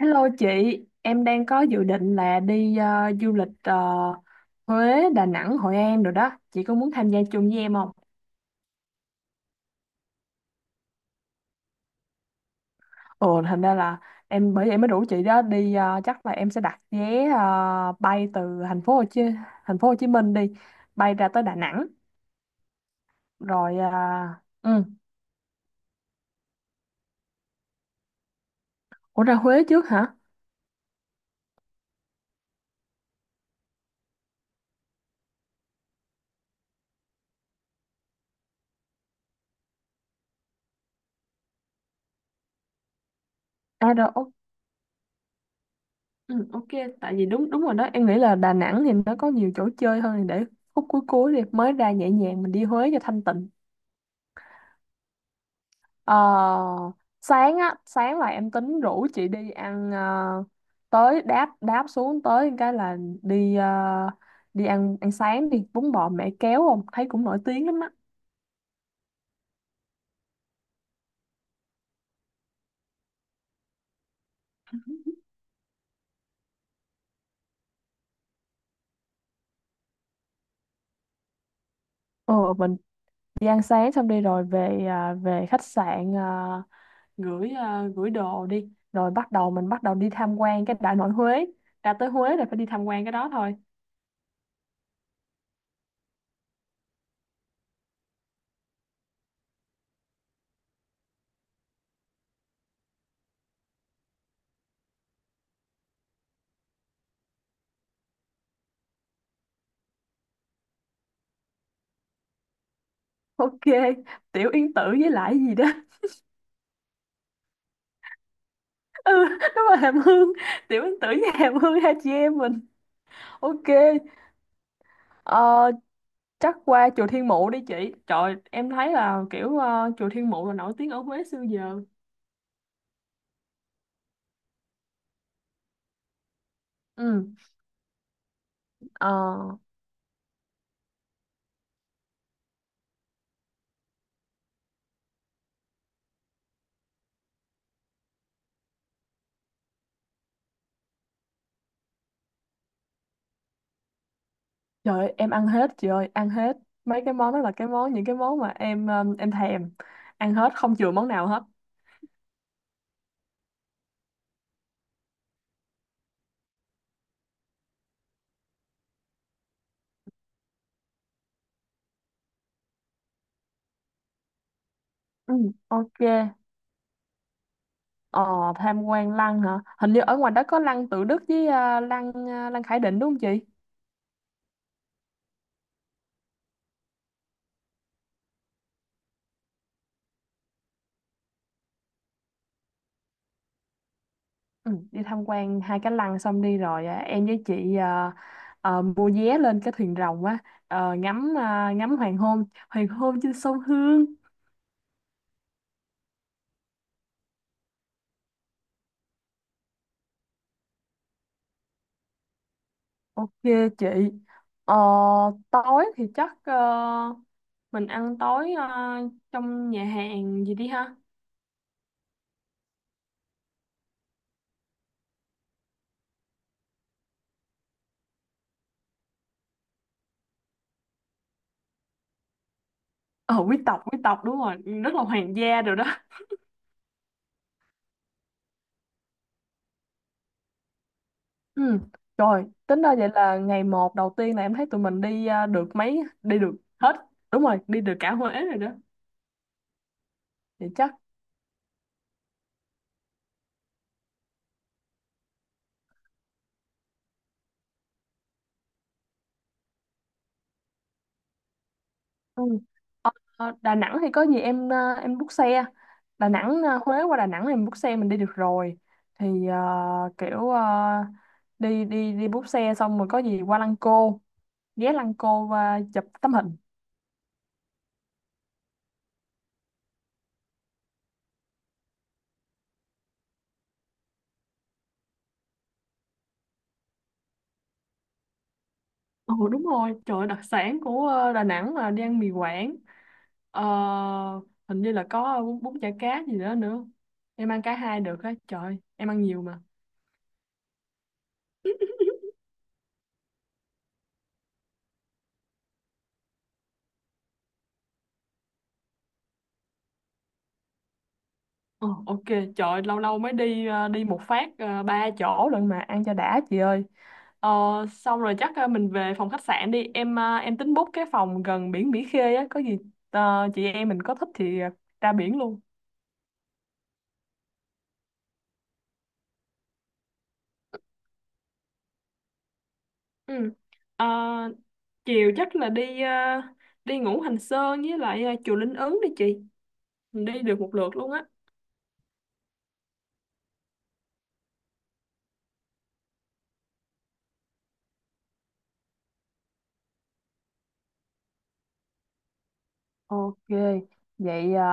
Hello chị, em đang có dự định là đi du lịch Huế, Đà Nẵng, Hội An rồi đó. Chị có muốn tham gia chung với em không? Ồ, thành ra là em bởi vậy mới rủ chị đó đi. Ờ, chắc là em sẽ đặt vé bay từ thành phố Hồ Chí thành phố Hồ Chí Minh đi, bay ra tới Đà Nẵng rồi. Ờ, ừ. Ủa ra Huế trước hả? À rồi, ừ, ok. Tại vì đúng đúng rồi đó. Em nghĩ là Đà Nẵng thì nó có nhiều chỗ chơi hơn để khúc cuối cuối đi mới ra nhẹ nhàng mình đi Huế cho thanh tịnh. Ờ, sáng là em tính rủ chị đi ăn tới đáp đáp xuống tới cái là đi ờ, đi ăn ăn sáng đi bún bò mẹ kéo không thấy cũng nổi tiếng lắm á. Ờ mình đi ăn sáng xong đi rồi về khách sạn, à, gửi đồ đi rồi bắt đầu mình bắt đầu đi tham quan cái Đại Nội Huế, ra tới Huế là phải đi tham quan cái đó thôi. Ok, Tiểu Yên Tử với lại gì đó. Ừ, đúng rồi Hàm Hương, Tiểu Yên Tử với Hàm Hương hai chị em mình. Ok, ờ, chắc qua chùa Thiên Mụ đi chị. Trời, em thấy là kiểu chùa Thiên Mụ là nổi tiếng ở Huế xưa giờ. Ừ. ờ, trời ơi, em ăn hết chị ơi, ăn hết. Mấy cái món đó là cái món những cái món mà em thèm. Ăn hết không chừa món nào hết. Ừ, ok. Ờ, tham quan lăng hả? Hình như ở ngoài đó có lăng Tự Đức với lăng Khải Định đúng không chị? Ừ, đi tham quan hai cái lăng xong đi rồi, à, em với chị mua vé lên cái thuyền rồng á, ngắm ngắm hoàng hôn trên sông Hương. Ok chị. Ờ, tối thì chắc mình ăn tối trong nhà hàng gì đi ha. Ờ Quý tộc, quý tộc, đúng rồi, rất là hoàng gia rồi đó. Ừ. Rồi tính ra vậy là ngày 1 đầu tiên là em thấy tụi mình đi, được mấy đi được hết. Đúng rồi đi được cả Huế rồi đó thì chắc. Ừ. Ờ, Đà Nẵng thì có gì em em book xe Đà Nẵng, Huế qua Đà Nẵng em book xe mình đi được rồi thì kiểu ờ, đi đi đi book xe xong rồi có gì qua Lăng Cô, ghé Lăng Cô và chụp tấm hình. Ừ đúng rồi, trời ơi, đặc sản của Đà Nẵng là đi ăn mì Quảng. Ờ, hình như là có bún, bún chả cá gì đó nữa, em ăn cả hai được á trời, em ăn nhiều mà. Ờ, ok, trời ơi, lâu lâu mới đi đi một phát ba chỗ lận mà ăn cho đã chị ơi. Ờ, xong rồi chắc mình về phòng khách sạn đi. Em em tính book cái phòng gần biển Mỹ Khê á, có gì chị em mình có thích thì ra biển luôn. Ừ. Ờ, chiều chắc là đi đi Ngũ Hành Sơn với lại chùa Linh Ứng đi chị. Mình đi được một lượt luôn á. Ok, vậy, à,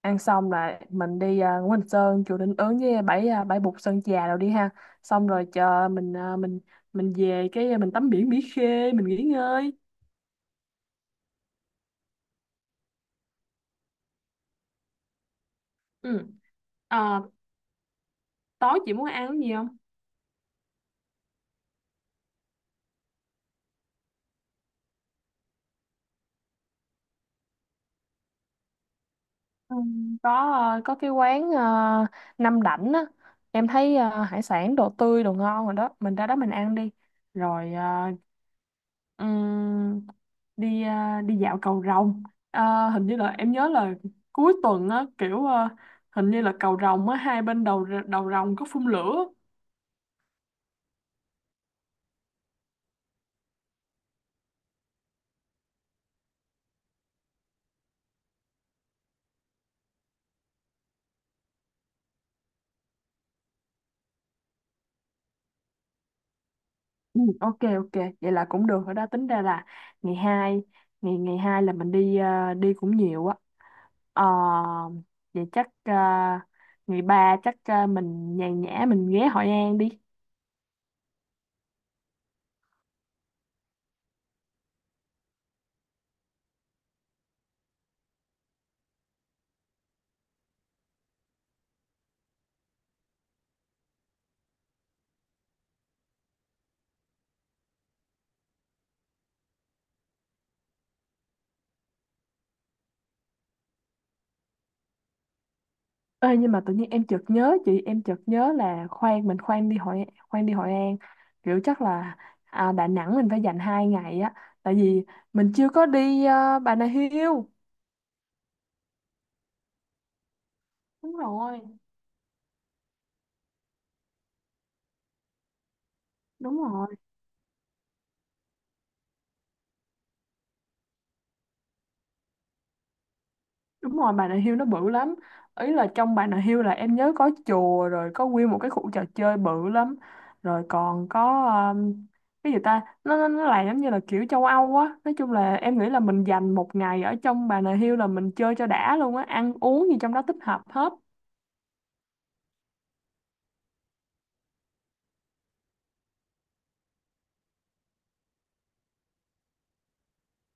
ăn xong là mình đi, Ngũ Hành Sơn chùa Linh Ứng với bãi, bãi Bụt Sơn Trà rồi đi ha, xong rồi chờ mình về cái, mình tắm biển Mỹ Khê mình nghỉ ngơi. Ừ. Ờ, tối chị muốn ăn cái gì không? Ừ, có có cái quán Năm Đảnh á, em thấy hải sản đồ tươi đồ ngon rồi đó, mình ra đó mình ăn đi rồi. Ờ, Ừm, Đi đi dạo cầu Rồng. À, hình như là em nhớ là cuối tuần á kiểu, hình như là cầu Rồng á hai bên đầu, đầu Rồng có phun lửa. Ừ, ok ok vậy là cũng được rồi đó, tính ra là ngày 2, ngày ngày hai là mình đi, đi cũng nhiều á. Ờ, vậy chắc, ngày 3 chắc, mình nhàn nhã mình ghé Hội An đi. Ê, nhưng mà tự nhiên em chợt nhớ là khoan mình khoan đi Hội An, kiểu chắc là, Đà Nẵng mình phải dành 2 ngày á tại vì mình chưa có đi, Bà Nà Hills đúng rồi, đúng rồi. Đúng rồi, Bà Nà Hills nó bự lắm. Ý là trong Bà Nà Hills là em nhớ có chùa rồi có nguyên một cái khu trò chơi bự lắm. Rồi còn có um, cái gì ta? Nó làm giống như là kiểu châu Âu á. Nói chung là em nghĩ là mình dành 1 ngày ở trong Bà Nà Hills là mình chơi cho đã luôn á, ăn uống gì trong đó tích hợp hết.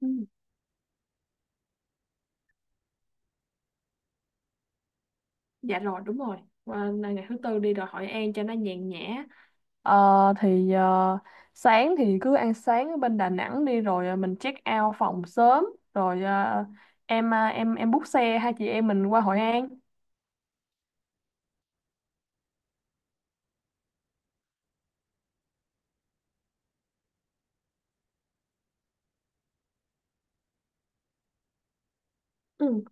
Ừ, dạ rồi đúng rồi. Và ngày thứ tư đi rồi Hội An cho nó nhàn nhã. Ờ, thì sáng thì cứ ăn sáng ở bên Đà Nẵng đi rồi mình check out phòng sớm rồi em book xe hai chị em mình qua Hội An. Ừ.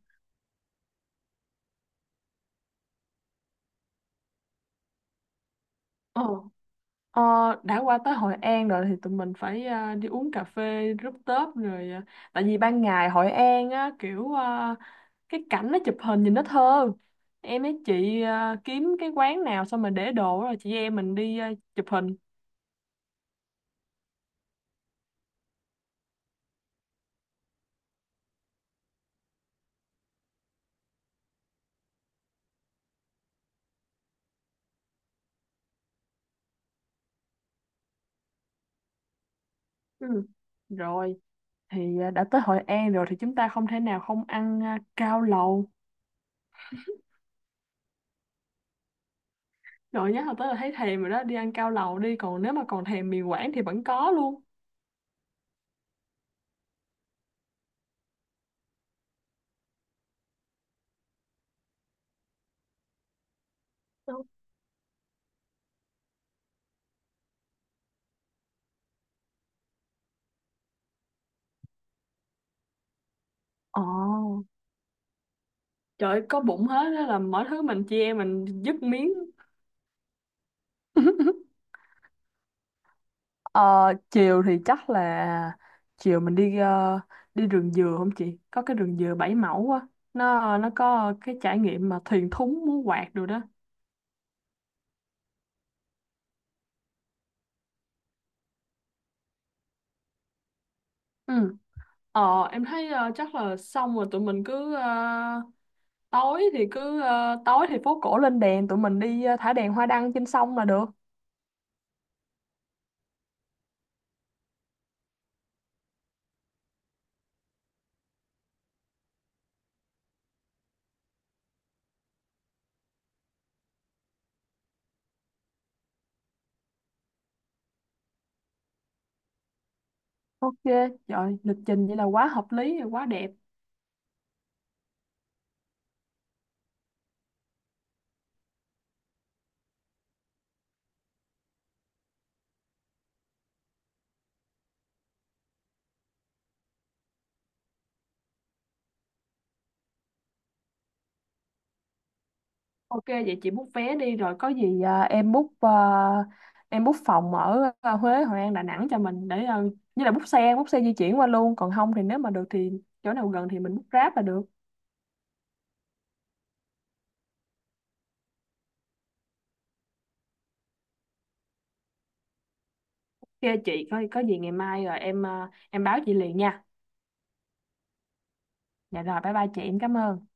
Ờ. Ờ, đã qua tới Hội An rồi thì tụi mình phải đi uống cà phê rooftop rồi tại vì ban ngày Hội An á kiểu cái cảnh nó chụp hình nhìn nó thơ. Em với chị kiếm cái quán nào xong rồi để đồ rồi chị em mình đi chụp hình. Ừ. Rồi. Thì đã tới Hội An rồi thì chúng ta không thể nào không ăn, cao lầu. Rồi nhớ hồi tới là thấy thèm rồi đó, đi ăn cao lầu đi, còn nếu mà còn thèm mì Quảng thì vẫn có luôn. Đúng. Ồ, trời ơi, có bụng hết đó là mọi thứ mình chia mình dứt miếng. Ờ, chiều thì chắc là chiều mình đi đi rừng dừa không chị? Có cái rừng dừa 7 mẫu á. Nó có cái trải nghiệm mà thuyền thúng múa quạt rồi đó. Ừ. Ờ, em thấy chắc là xong rồi tụi mình tối thì phố cổ lên đèn tụi mình đi thả đèn hoa đăng trên sông là được. Ok, trời lịch trình vậy là quá hợp lý rồi quá đẹp. Ok vậy chị book vé đi rồi có gì em book phòng ở Huế, Hội An, Đà Nẵng cho mình để như là book xe di chuyển qua luôn, còn không thì nếu mà được thì chỗ nào gần thì mình book Grab là được. Ok chị có gì ngày mai rồi em báo chị liền nha. Dạ rồi bye bye chị, em cảm ơn.